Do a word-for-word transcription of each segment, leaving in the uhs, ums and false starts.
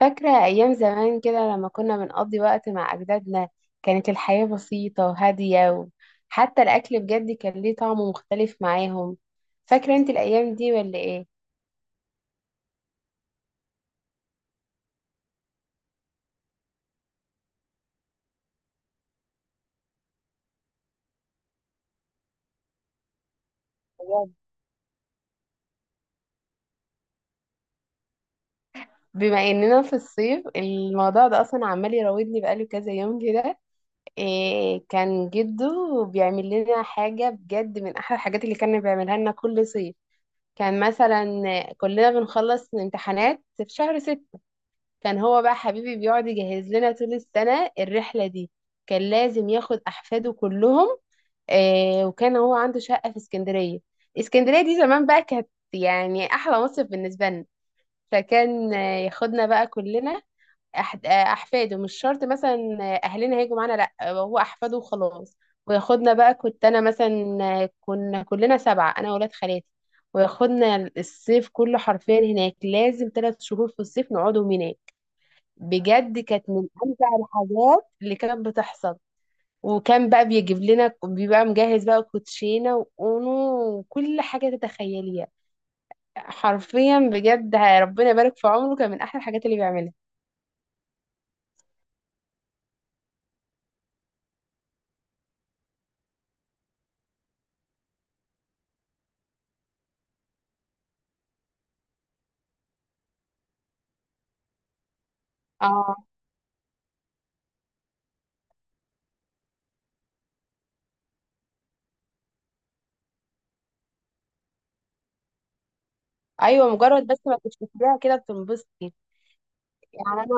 فاكرة أيام زمان كده لما كنا بنقضي وقت مع أجدادنا. كانت الحياة بسيطة وهادية، وحتى الأكل بجد كان ليه طعم مختلف معاهم. فاكرة أنت الأيام دي ولا إيه؟ بجد بما إننا في الصيف الموضوع ده أصلا عمال يراودني بقاله كذا يوم كده. إيه كان جده بيعمل لنا حاجة بجد من أحلى الحاجات اللي كان بيعملها لنا كل صيف. كان مثلا كلنا بنخلص امتحانات في شهر ستة. كان هو بقى حبيبي بيقعد يجهز لنا طول السنة الرحلة دي. كان لازم ياخد أحفاده كلهم. آه، وكان هو عنده شقة في اسكندرية. اسكندرية دي زمان بقى كانت يعني أحلى مصيف بالنسبة لنا. فكان آه، ياخدنا بقى كلنا. أح- آه، أحفاده مش شرط، مثلا آه، أهلنا هيجوا معانا، لأ آه، هو أحفاده وخلاص. وياخدنا بقى. كنت أنا مثلا، آه، كنا كلنا سبعة، أنا وولاد خالاتي. وياخدنا الصيف كله حرفيا هناك، لازم ثلاث شهور في الصيف نقعدهم هناك. بجد كانت من امتع الحاجات اللي كانت بتحصل. وكان بقى بيجيب لنا، بيبقى مجهز بقى كوتشينه واونو وكل حاجه تتخيليها. حرفيا بجد ربنا يبارك في عمره، كان من احلى الحاجات اللي بيعملها. اه. ايوه مجرد بس ما تفتكريها كده بتنبسطي. يعني انا.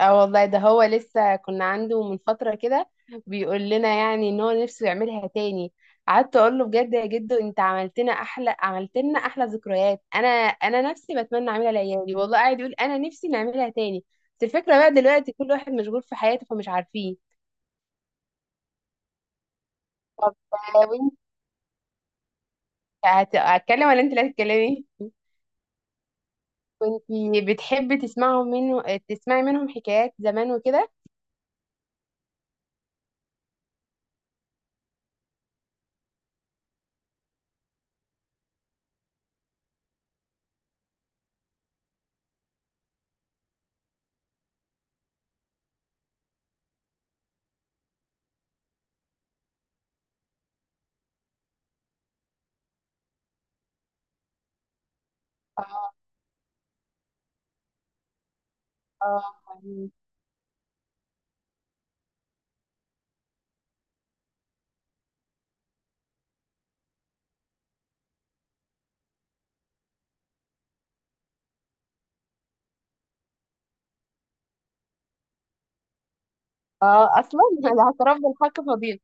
اه والله ده هو لسه كنا عنده من فترة كده، بيقول لنا يعني ان هو نفسه يعملها تاني. قعدت اقول له بجد يا جدو انت عملت لنا احلى، عملت لنا احلى ذكريات، انا انا نفسي بتمنى اعملها لعيالي، والله قاعد يقول انا نفسي نعملها تاني. بس الفكرة بقى دلوقتي كل واحد مشغول في حياته فمش عارفين. طب آه، وانت هت- هتكلم ولا انت اللي هتتكلمي؟ كنت بتحبي تسمعوا منه، تسمعي منهم حكايات زمان وكده. اه. اه. اه اصلا، الاعتراف بالحق فضيلة.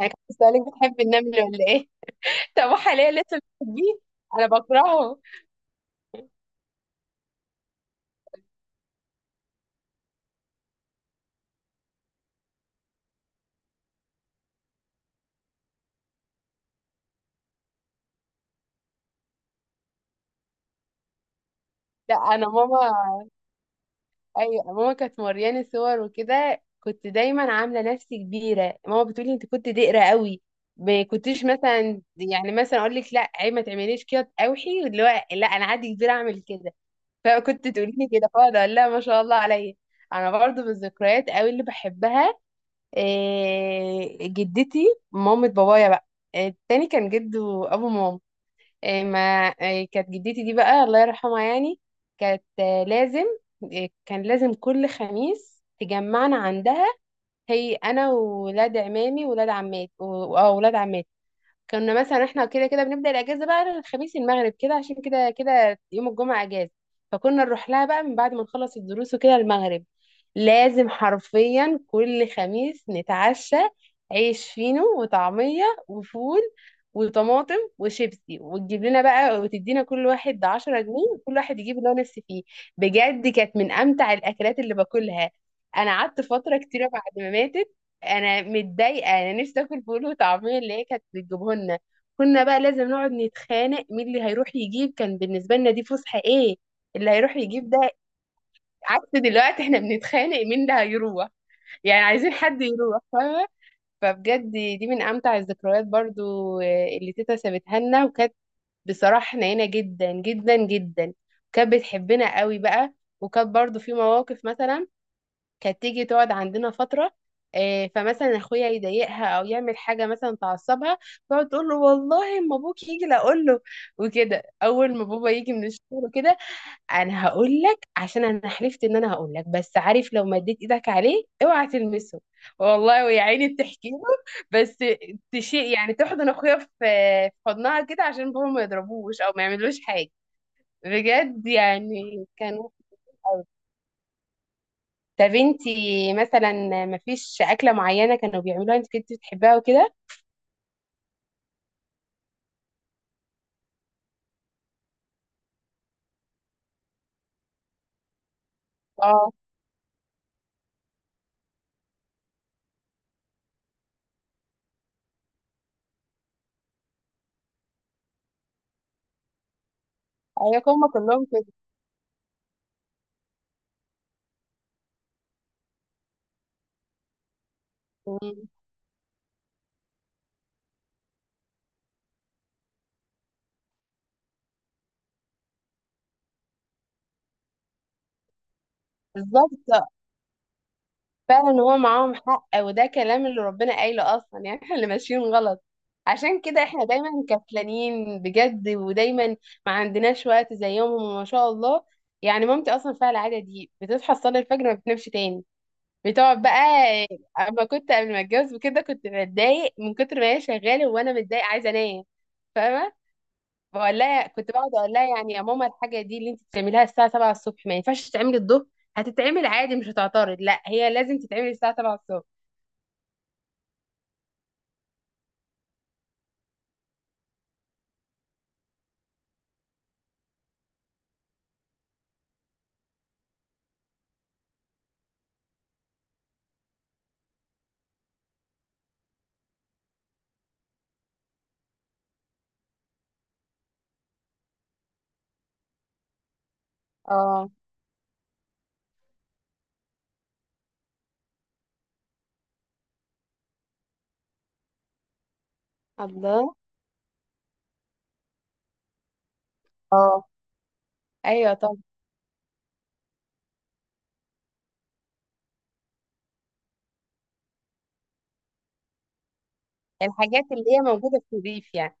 انا كنت بسألك بتحبي النمل ولا ايه؟ طب وحاليا لسه بتحبيه؟ انا بكرهه. لا انا ماما، ايوه ماما كانت مورياني صور وكده، كنت دايما عامله نفسي كبيره، ماما بتقولي انت كنت دقره قوي. ما كنتش مثلا يعني مثلا اقول لك لا عيب ما تعمليش كده اوحي، واللي هو لا انا عادي كبيره اعمل كده. فكنت تقولي لي كده فاقعد اقول لها ما شاء الله عليا. انا برضو من الذكريات قوي اللي بحبها، إيه، جدتي، مامة بابايا بقى. آه، التاني كان جده، ابو ماما. إيه ما، إيه كانت جدتي دي بقى الله يرحمها يعني. كانت آه، لازم، إيه كان لازم كل خميس تجمعنا عندها، هي انا وولاد عمامي وولاد عماتي واولاد عماتي. كنا مثلا احنا كده كده بنبدأ الأجازة بقى الخميس المغرب كده عشان كده كده يوم الجمعة أجازة. فكنا نروح لها بقى من بعد ما نخلص الدروس وكده المغرب. لازم حرفيا كل خميس نتعشى عيش فينو وطعمية وفول وطماطم وشيبسي، وتجيب لنا بقى وتدينا كل واحد عشرة جنيه، وكل واحد يجيب اللي هو نفسه فيه. بجد كانت من أمتع الأكلات اللي باكلها. أنا قعدت فترة كتيرة بعد ما ماتت انا متضايقه، انا نفسي اكل فول وطعميه اللي هي كانت بتجيبه لنا. كنا بقى لازم نقعد نتخانق مين اللي هيروح يجيب، كان بالنسبه لنا دي فسحه ايه، اللي هيروح يجيب ده. عكس دلوقتي احنا بنتخانق مين اللي هيروح، يعني عايزين حد يروح، فاهمه. فبجد دي من امتع الذكريات برضو. آه، اللي تيتا سابتها لنا. وكانت بصراحه حنينه جدا جدا جدا، كانت بتحبنا قوي بقى. وكانت برضو في مواقف مثلا، كانت تيجي تقعد عندنا فترة، آه، فمثلا اخويا يضايقها او يعمل حاجه مثلا تعصبها، تقعد تقول له والله اما ابوك يجي لا اقول له. وكده اول ما بابا يجي من الشغل وكده، انا هقول لك عشان انا حلفت ان انا هقول لك، بس عارف لو مديت ايدك عليه اوعى تلمسه والله، ويا عيني بتحكي له. بس تشيء يعني تحضن اخويا في في حضنها كده عشان بابا ما يضربوش او ما يعملوش حاجه. بجد يعني كان وحش. طب انتي مثلا مفيش أكلة معينة كانوا بيعملوها انت كنت بتحبها وكده؟ اه ايوه هما كلهم كده. مم. بالظبط فعلا هو معاهم حق، وده كلام اللي ربنا قايله اصلا، يعني احنا اللي ماشيين غلط. عشان كده احنا دايما كسلانين بجد، ودايما ما عندناش وقت زيهم وما شاء الله. يعني مامتي اصلا فيها العاده دي، بتصحى تصلي الفجر ما بتنامش تاني، بتقعد بقى. اما كنت قبل ما اتجوز وكده كنت بتضايق من كتر ما هي شغاله وانا متضايقه عايزه انام، فاهمه. بقول لها، كنت بقعد اقول لها يعني يا ماما الحاجه دي اللي انت بتعمليها الساعه سبعة الصبح ما ينفعش تتعمل الظهر، هتتعمل عادي مش هتعترض؟ لا هي لازم تتعمل الساعه سبعة الصبح. اه الله. اه ايوه طبعا، الحاجات اللي هي موجوده في الريف يعني.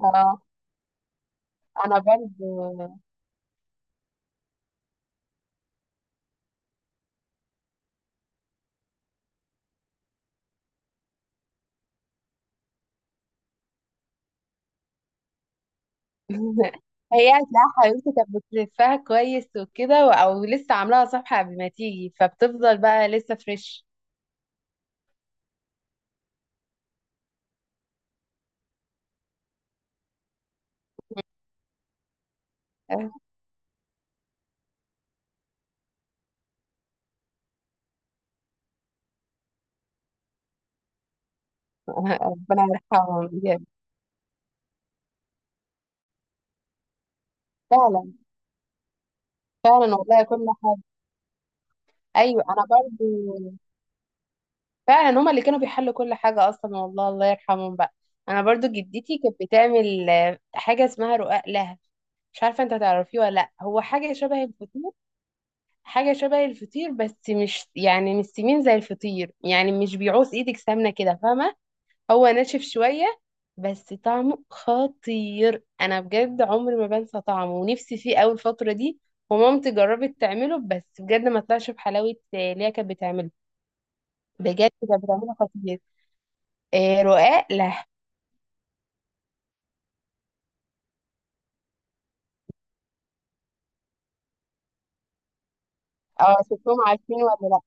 اه انا برضو. هي هتلاقي، حبيبتي كانت بتلفها كويس وكده، و- او لسه عاملاها صفحه قبل ما تيجي فبتفضل بقى لسه فريش. ربنا يرحمهم بجد. فعلا. فعلا والله كل حاجه. ايوه انا برضو فعلا هما اللي كانوا بيحلوا كل حاجة أصلا، والله الله يرحمهم بقى. أنا برضو جدتي كانت بتعمل آه، حاجة اسمها رقاق لها، مش عارفة انت تعرفيه ولا لأ. هو حاجة شبه الفطير، حاجة شبه الفطير بس مش يعني مش سمين زي الفطير، يعني مش بيعوز ايدك سمنة كده، فاهمة؟ هو ناشف شوية بس طعمه خطير. أنا بجد عمري ما بنسى طعمه ونفسي فيه أوي الفترة دي. ومامتي جربت تعمله بس بجد ما طلعش بحلاوة آه، اللي هي كانت بتعمله. بجد كانت بتعمله خطير. إيه، رقاق لا. اه شفتهم عارفين ولا لا.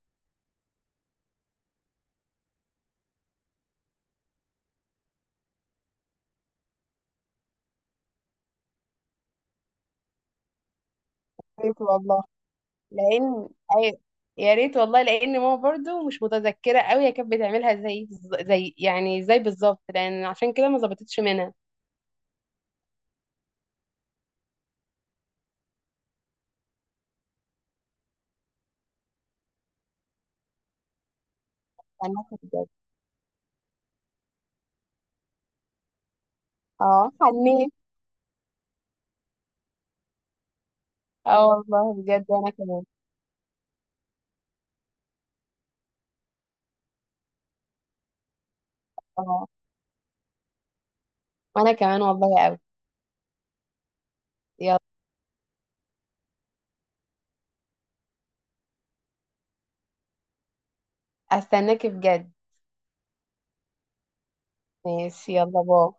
يا ريت والله لان، أي... يا ريت والله لان ماما برضو مش متذكره قوي هي كانت بتعملها زي زي، يعني زي بالظبط، لان عشان كده ما ظبطتش منها. انا كنت بجد. اه حنيت. اه والله بجد وانا كمان. اه وانا كمان والله قوي. يلا استناكي بجد. ماشي يلا باي.